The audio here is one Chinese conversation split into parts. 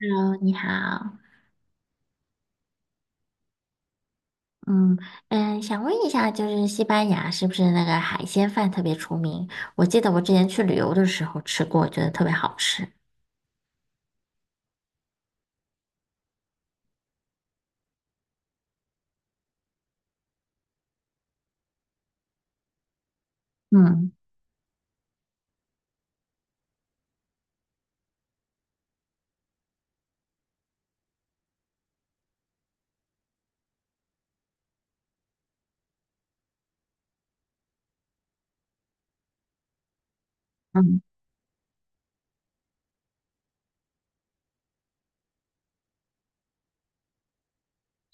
Hello,你好。嗯想问一下，就是西班牙是不是那个海鲜饭特别出名？我记得我之前去旅游的时候吃过，觉得特别好吃。嗯嗯，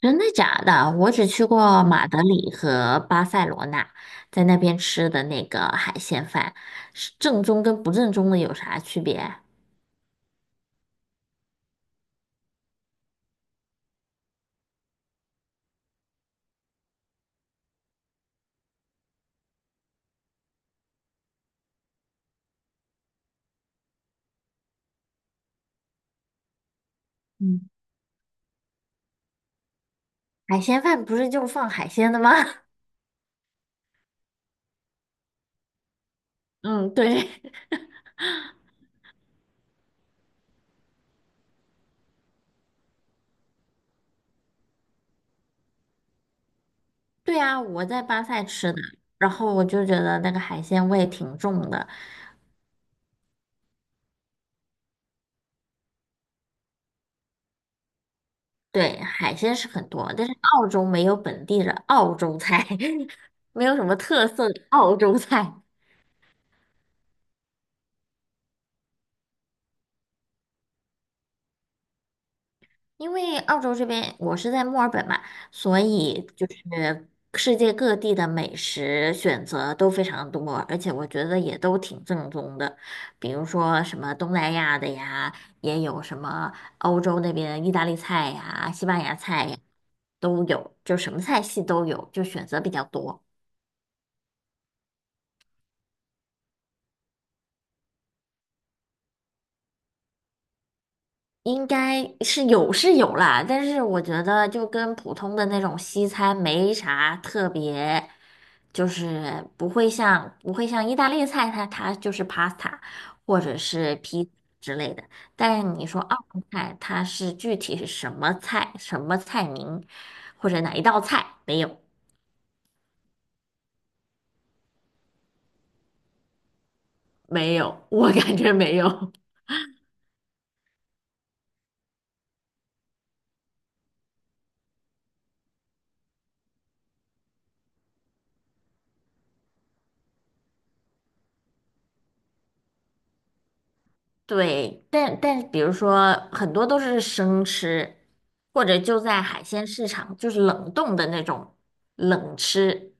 真的假的？我只去过马德里和巴塞罗那，在那边吃的那个海鲜饭，是正宗跟不正宗的有啥区别？嗯，海鲜饭不是就是放海鲜的吗？嗯，对。对啊，我在巴塞吃的，然后我就觉得那个海鲜味挺重的。对，海鲜是很多，但是澳洲没有本地的澳洲菜，没有什么特色的澳洲菜。因为澳洲这边我是在墨尔本嘛，所以就是世界各地的美食选择都非常多，而且我觉得也都挺正宗的。比如说什么东南亚的呀，也有什么欧洲那边意大利菜呀、西班牙菜呀，都有，就什么菜系都有，就选择比较多。应该是有是有啦，但是我觉得就跟普通的那种西餐没啥特别，就是不会像意大利菜它，它就是 pasta 或者是披萨之类的。但是你说澳门菜，它是具体是什么菜、什么菜名，或者哪一道菜，没有。没有，我感觉没有。对，但比如说很多都是生吃，或者就在海鲜市场，就是冷冻的那种冷吃，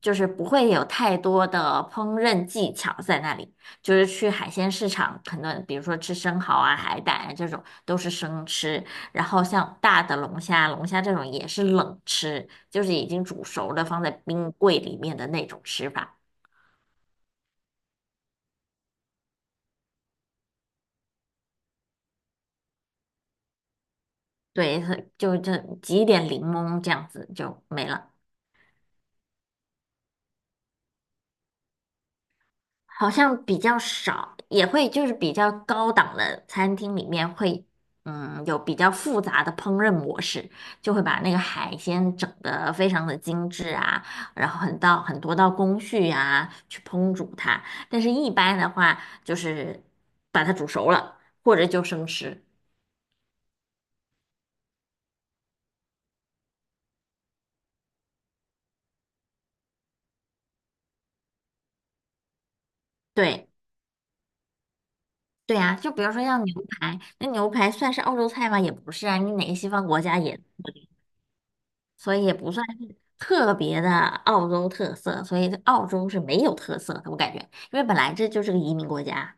就是不会有太多的烹饪技巧在那里。就是去海鲜市场，可能比如说吃生蚝啊、海胆啊这种都是生吃，然后像大的龙虾、龙虾这种也是冷吃，就是已经煮熟的放在冰柜里面的那种吃法。对，就挤一点柠檬这样子就没了。好像比较少，也会就是比较高档的餐厅里面会，嗯，有比较复杂的烹饪模式，就会把那个海鲜整得非常的精致啊，然后很多道工序啊去烹煮它。但是一般的话，就是把它煮熟了，或者就生吃。对。对啊，就比如说像牛排，那牛排算是澳洲菜吗？也不是啊，你哪个西方国家也。所以也不算是特别的澳洲特色，所以澳洲是没有特色的，我感觉，因为本来这就是个移民国家。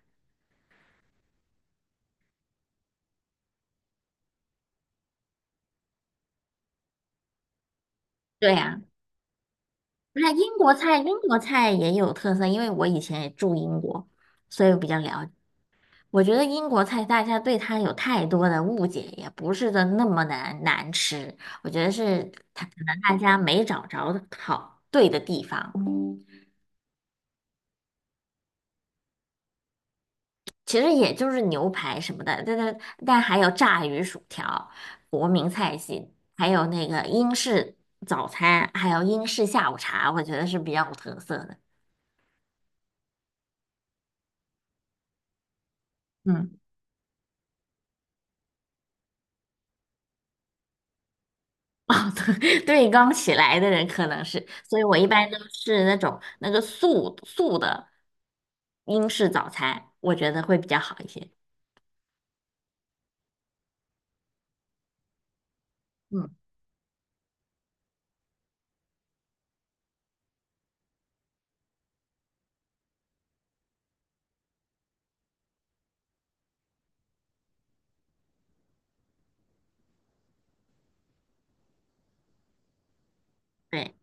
对呀，不是英国菜，英国菜也有特色，因为我以前也住英国，所以我比较了解。我觉得英国菜大家对它有太多的误解，也不是的那么难难吃，我觉得是它可能大家没找着好对的地方。其实也就是牛排什么的，但还有炸鱼薯条，国民菜系，还有那个英式早餐，还有英式下午茶，我觉得是比较有特色的。嗯，哦，对，对，刚起来的人可能是，所以我一般都是那种那个素素的英式早餐，我觉得会比较好一些。嗯，对，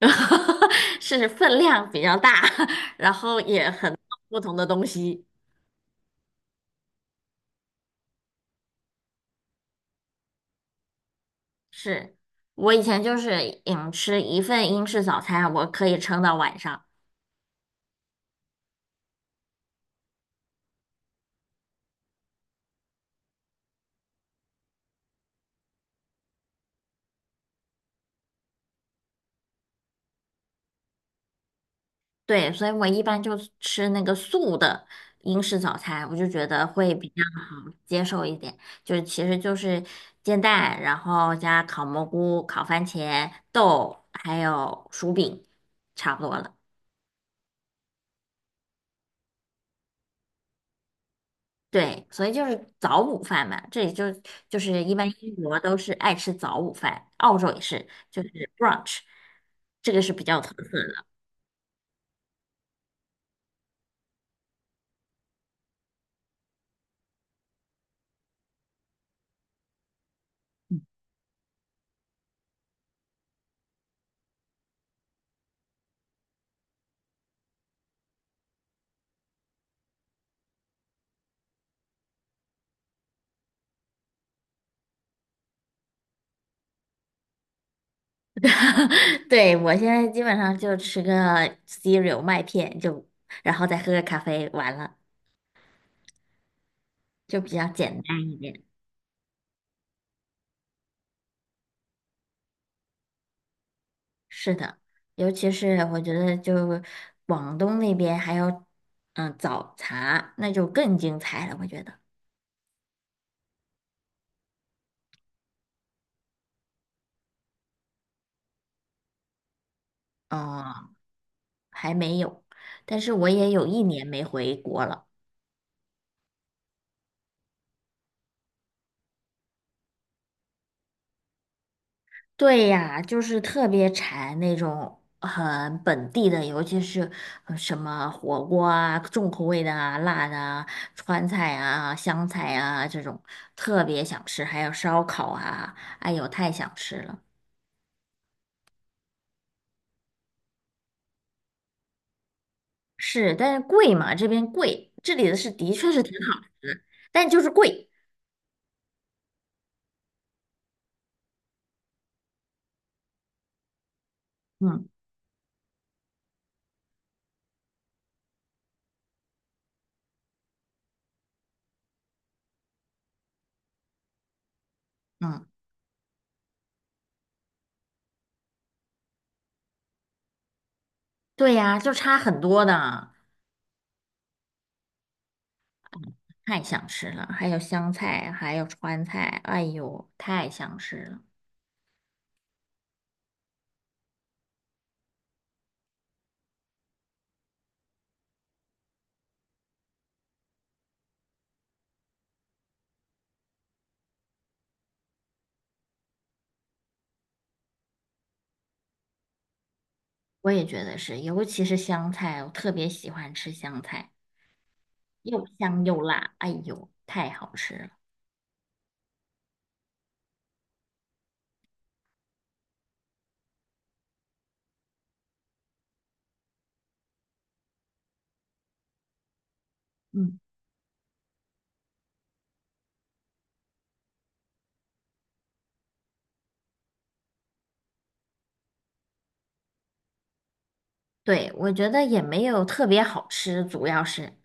是分量比较大，然后也很多不同的东西。是我以前就是吃一份英式早餐，我可以撑到晚上。对，所以我一般就吃那个素的英式早餐，我就觉得会比较好接受一点。就是其实就是煎蛋，然后加烤蘑菇、烤番茄、豆，还有薯饼，差不多了。对，所以就是早午饭嘛，这里就是一般英国都是爱吃早午饭，澳洲也是，就是 brunch,这个是比较特 对，我现在基本上就吃个 cereal 麦片，就然后再喝个咖啡，完了就比较简单一点。是的，尤其是我觉得就广东那边还有嗯早茶，那就更精彩了，我觉得。哦，还没有，但是我也有一年没回国了。对呀，就是特别馋那种很本地的，尤其是什么火锅啊、重口味的啊、辣的啊、川菜啊、湘菜啊这种，特别想吃。还有烧烤啊，哎呦，太想吃了。是，但是贵嘛，这边贵，这里的是的确是挺好吃，但就是贵。嗯嗯，对呀，就差很多的，太想吃了。还有湘菜，还有川菜，哎呦，太想吃了。我也觉得是，尤其是香菜，我特别喜欢吃香菜，又香又辣，哎呦，太好吃了。嗯，对，我觉得也没有特别好吃，主要是，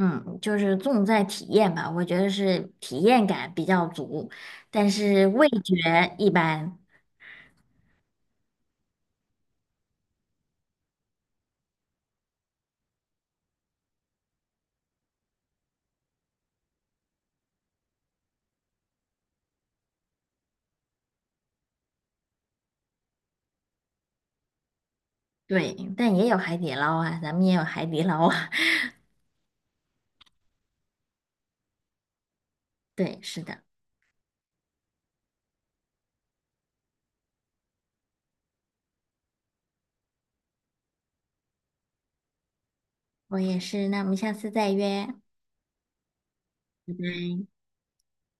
嗯，就是重在体验吧，我觉得是体验感比较足，但是味觉一般。对，但也有海底捞啊，咱们也有海底捞啊。对，是的，我也是。那我们下次再约。